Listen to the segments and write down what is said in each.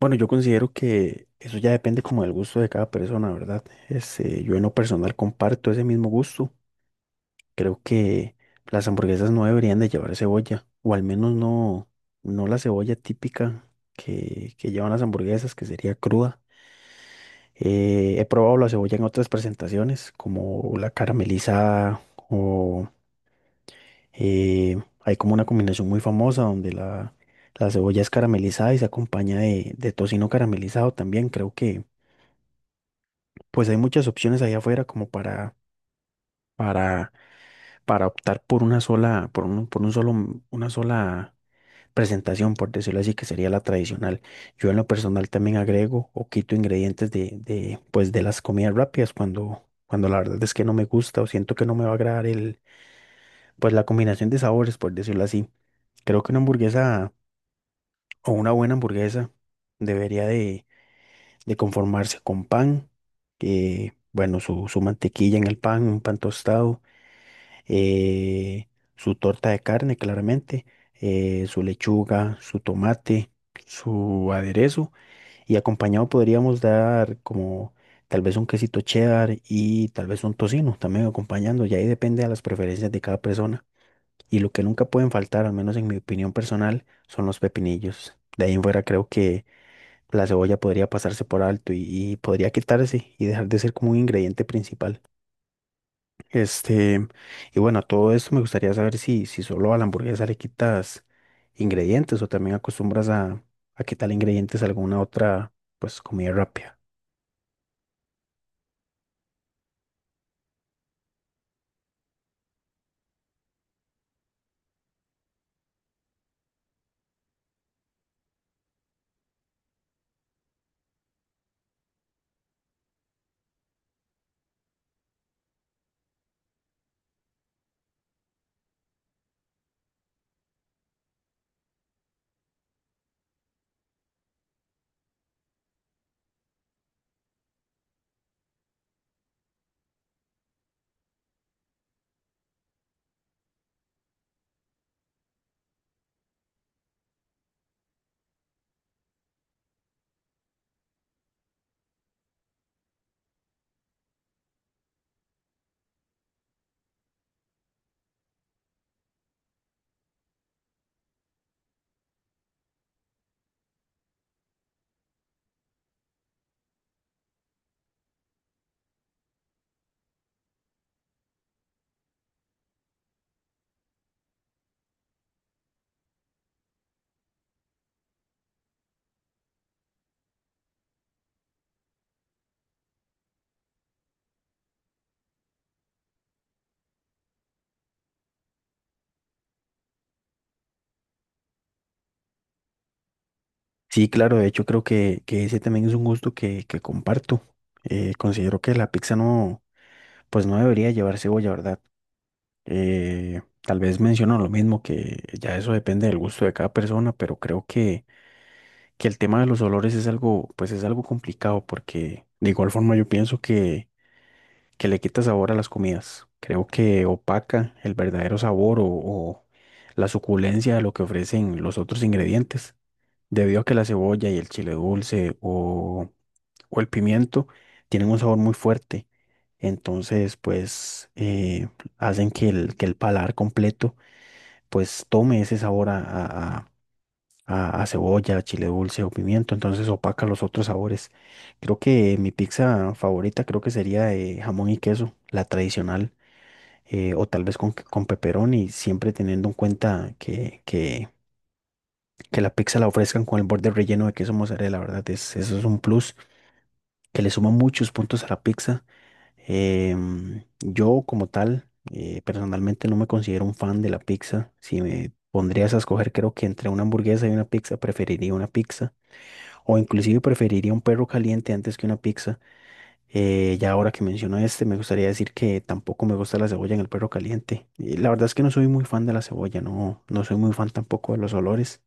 Bueno, yo considero que eso ya depende como del gusto de cada persona, ¿verdad? Este, yo en lo personal comparto ese mismo gusto. Creo que las hamburguesas no deberían de llevar cebolla, o al menos no, no la cebolla típica que llevan las hamburguesas, que sería cruda. He probado la cebolla en otras presentaciones, como la caramelizada, o eh, hay como una combinación muy famosa donde la cebolla es caramelizada y se acompaña de tocino caramelizado también. Creo que pues hay muchas opciones allá afuera como para, para optar por una sola, por por un solo, una sola presentación, por decirlo así, que sería la tradicional. Yo en lo personal también agrego o quito ingredientes pues de las comidas rápidas cuando la verdad es que no me gusta o siento que no me va a agradar el, pues la combinación de sabores, por decirlo así. Creo que una hamburguesa o una buena hamburguesa debería de conformarse con pan, que, bueno, su mantequilla en el pan, un pan tostado eh, su torta de carne, claramente, su lechuga, su tomate, su aderezo y acompañado podríamos dar como tal vez un quesito cheddar y tal vez un tocino también acompañando, y ahí depende de las preferencias de cada persona. Y lo que nunca pueden faltar, al menos en mi opinión personal, son los pepinillos. De ahí en fuera creo que la cebolla podría pasarse por alto y podría quitarse y dejar de ser como un ingrediente principal. Este, y bueno, a todo esto me gustaría saber si solo a la hamburguesa le quitas ingredientes o también acostumbras a quitarle ingredientes a alguna otra, pues, comida rápida. Sí, claro, de hecho creo que ese también es un gusto que comparto. Considero que la pizza no, pues no debería llevar cebolla, ¿verdad? Tal vez menciono lo mismo, que ya eso depende del gusto de cada persona, pero creo que el tema de los olores es algo, pues es algo complicado porque de igual forma yo pienso que le quita sabor a las comidas. Creo que opaca el verdadero sabor o la suculencia de lo que ofrecen los otros ingredientes, debido a que la cebolla y el chile dulce o el pimiento tienen un sabor muy fuerte. Entonces, pues, hacen que que el paladar completo, pues, tome ese sabor a cebolla, chile dulce o pimiento. Entonces, opaca los otros sabores. Creo que mi pizza favorita creo que sería de jamón y queso, la tradicional o tal vez con pepperoni, siempre teniendo en cuenta que la pizza la ofrezcan con el borde relleno de queso mozzarella, la verdad, es, eso es un plus que le suma muchos puntos a la pizza. Em, yo como tal, personalmente no me considero un fan de la pizza. Si me pondrías a escoger, creo que entre una hamburguesa y una pizza preferiría una pizza. O inclusive preferiría un perro caliente antes que una pizza. Ya ahora que menciono este, me gustaría decir que tampoco me gusta la cebolla en el perro caliente. Y la verdad es que no soy muy fan de la cebolla, no, no soy muy fan tampoco de los olores.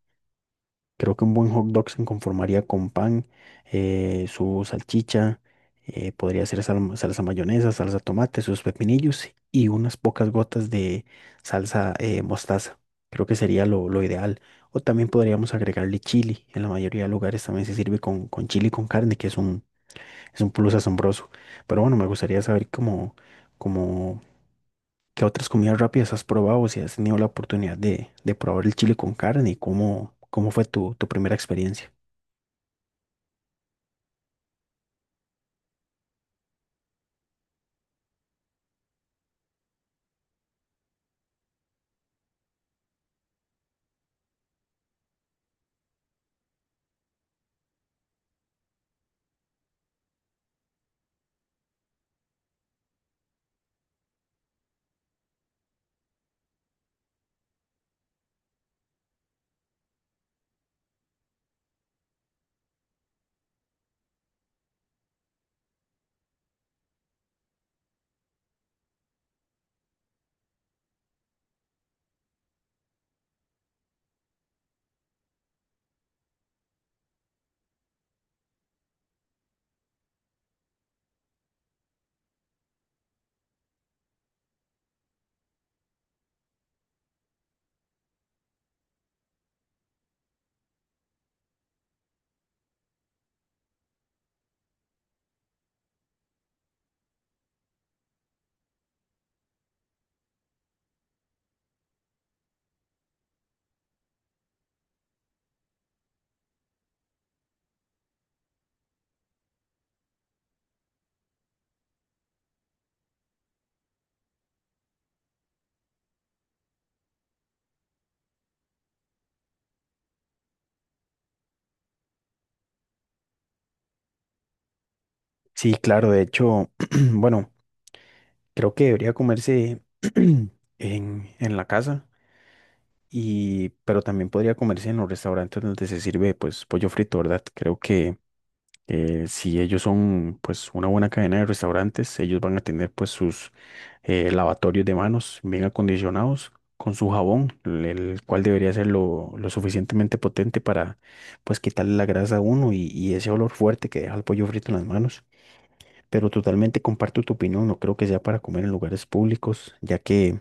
Creo que un buen hot dog se conformaría con pan, su salchicha, podría ser sal- salsa mayonesa, salsa tomate, sus pepinillos y unas pocas gotas de salsa mostaza. Creo que sería lo ideal. O también podríamos agregarle chili. En la mayoría de lugares también se sirve con chili con carne, que es un plus asombroso. Pero bueno, me gustaría saber cómo, cómo, qué otras comidas rápidas has probado, si has tenido la oportunidad de probar el chile con carne y cómo, cómo fue tu, tu primera experiencia. Sí, claro, de hecho, bueno, creo que debería comerse en la casa, y, pero también podría comerse en los restaurantes donde se sirve pues pollo frito, ¿verdad? Creo que si ellos son pues una buena cadena de restaurantes, ellos van a tener pues sus lavatorios de manos bien acondicionados con su jabón, el cual debería ser lo suficientemente potente para pues quitarle la grasa a uno y ese olor fuerte que deja el pollo frito en las manos. Pero totalmente comparto tu opinión, no creo que sea para comer en lugares públicos, ya que,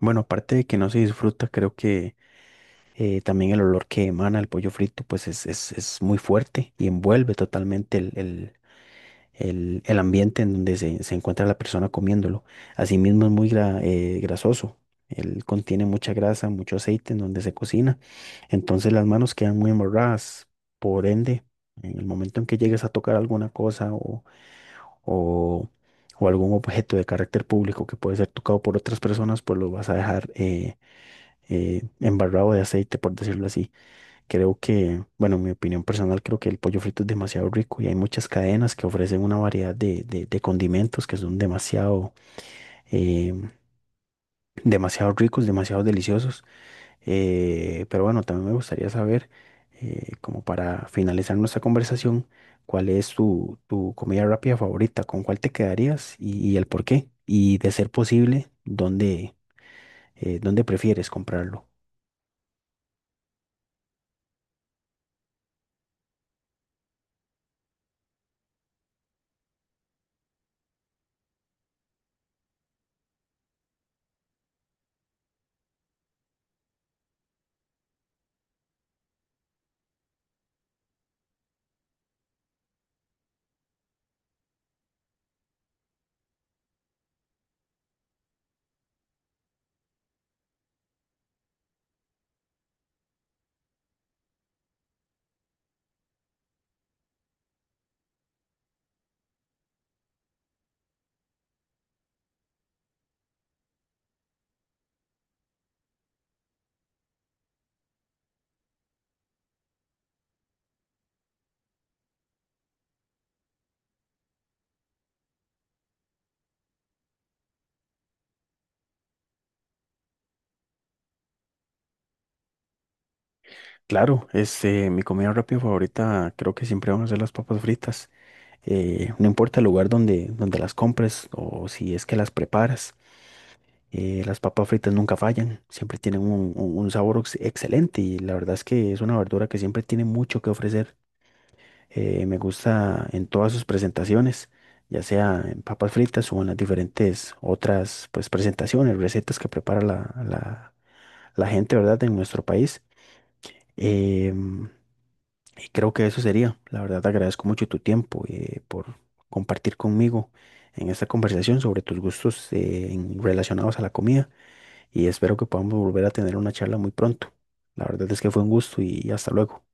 bueno, aparte de que no se disfruta, creo que también el olor que emana el pollo frito pues es muy fuerte y envuelve totalmente el ambiente en donde se encuentra la persona comiéndolo. Asimismo es muy grasoso. Él contiene mucha grasa, mucho aceite en donde se cocina. Entonces las manos quedan muy embarradas. Por ende, en el momento en que llegues a tocar alguna cosa o, o algún objeto de carácter público que puede ser tocado por otras personas, pues lo vas a dejar embarrado de aceite, por decirlo así. Creo que, bueno, mi opinión personal, creo que el pollo frito es demasiado rico y hay muchas cadenas que ofrecen una variedad de condimentos que son demasiado, eh, demasiado ricos, demasiado deliciosos. Pero bueno, también me gustaría saber, como para finalizar nuestra conversación, cuál es tu, tu comida rápida favorita, con cuál te quedarías y el por qué. Y de ser posible, dónde, dónde prefieres comprarlo. Claro, este, mi comida rápida favorita creo que siempre van a ser las papas fritas. No importa el lugar donde las compres o si es que las preparas, las papas fritas nunca fallan, siempre tienen un, un sabor excelente y la verdad es que es una verdura que siempre tiene mucho que ofrecer. Me gusta en todas sus presentaciones, ya sea en papas fritas o en las diferentes otras pues, presentaciones, recetas que prepara la, la gente, ¿verdad?, en nuestro país. Em, y creo que eso sería. La verdad, te agradezco mucho tu tiempo por compartir conmigo en esta conversación sobre tus gustos en- relacionados a la comida y espero que podamos volver a tener una charla muy pronto. La verdad es que fue un gusto y hasta luego.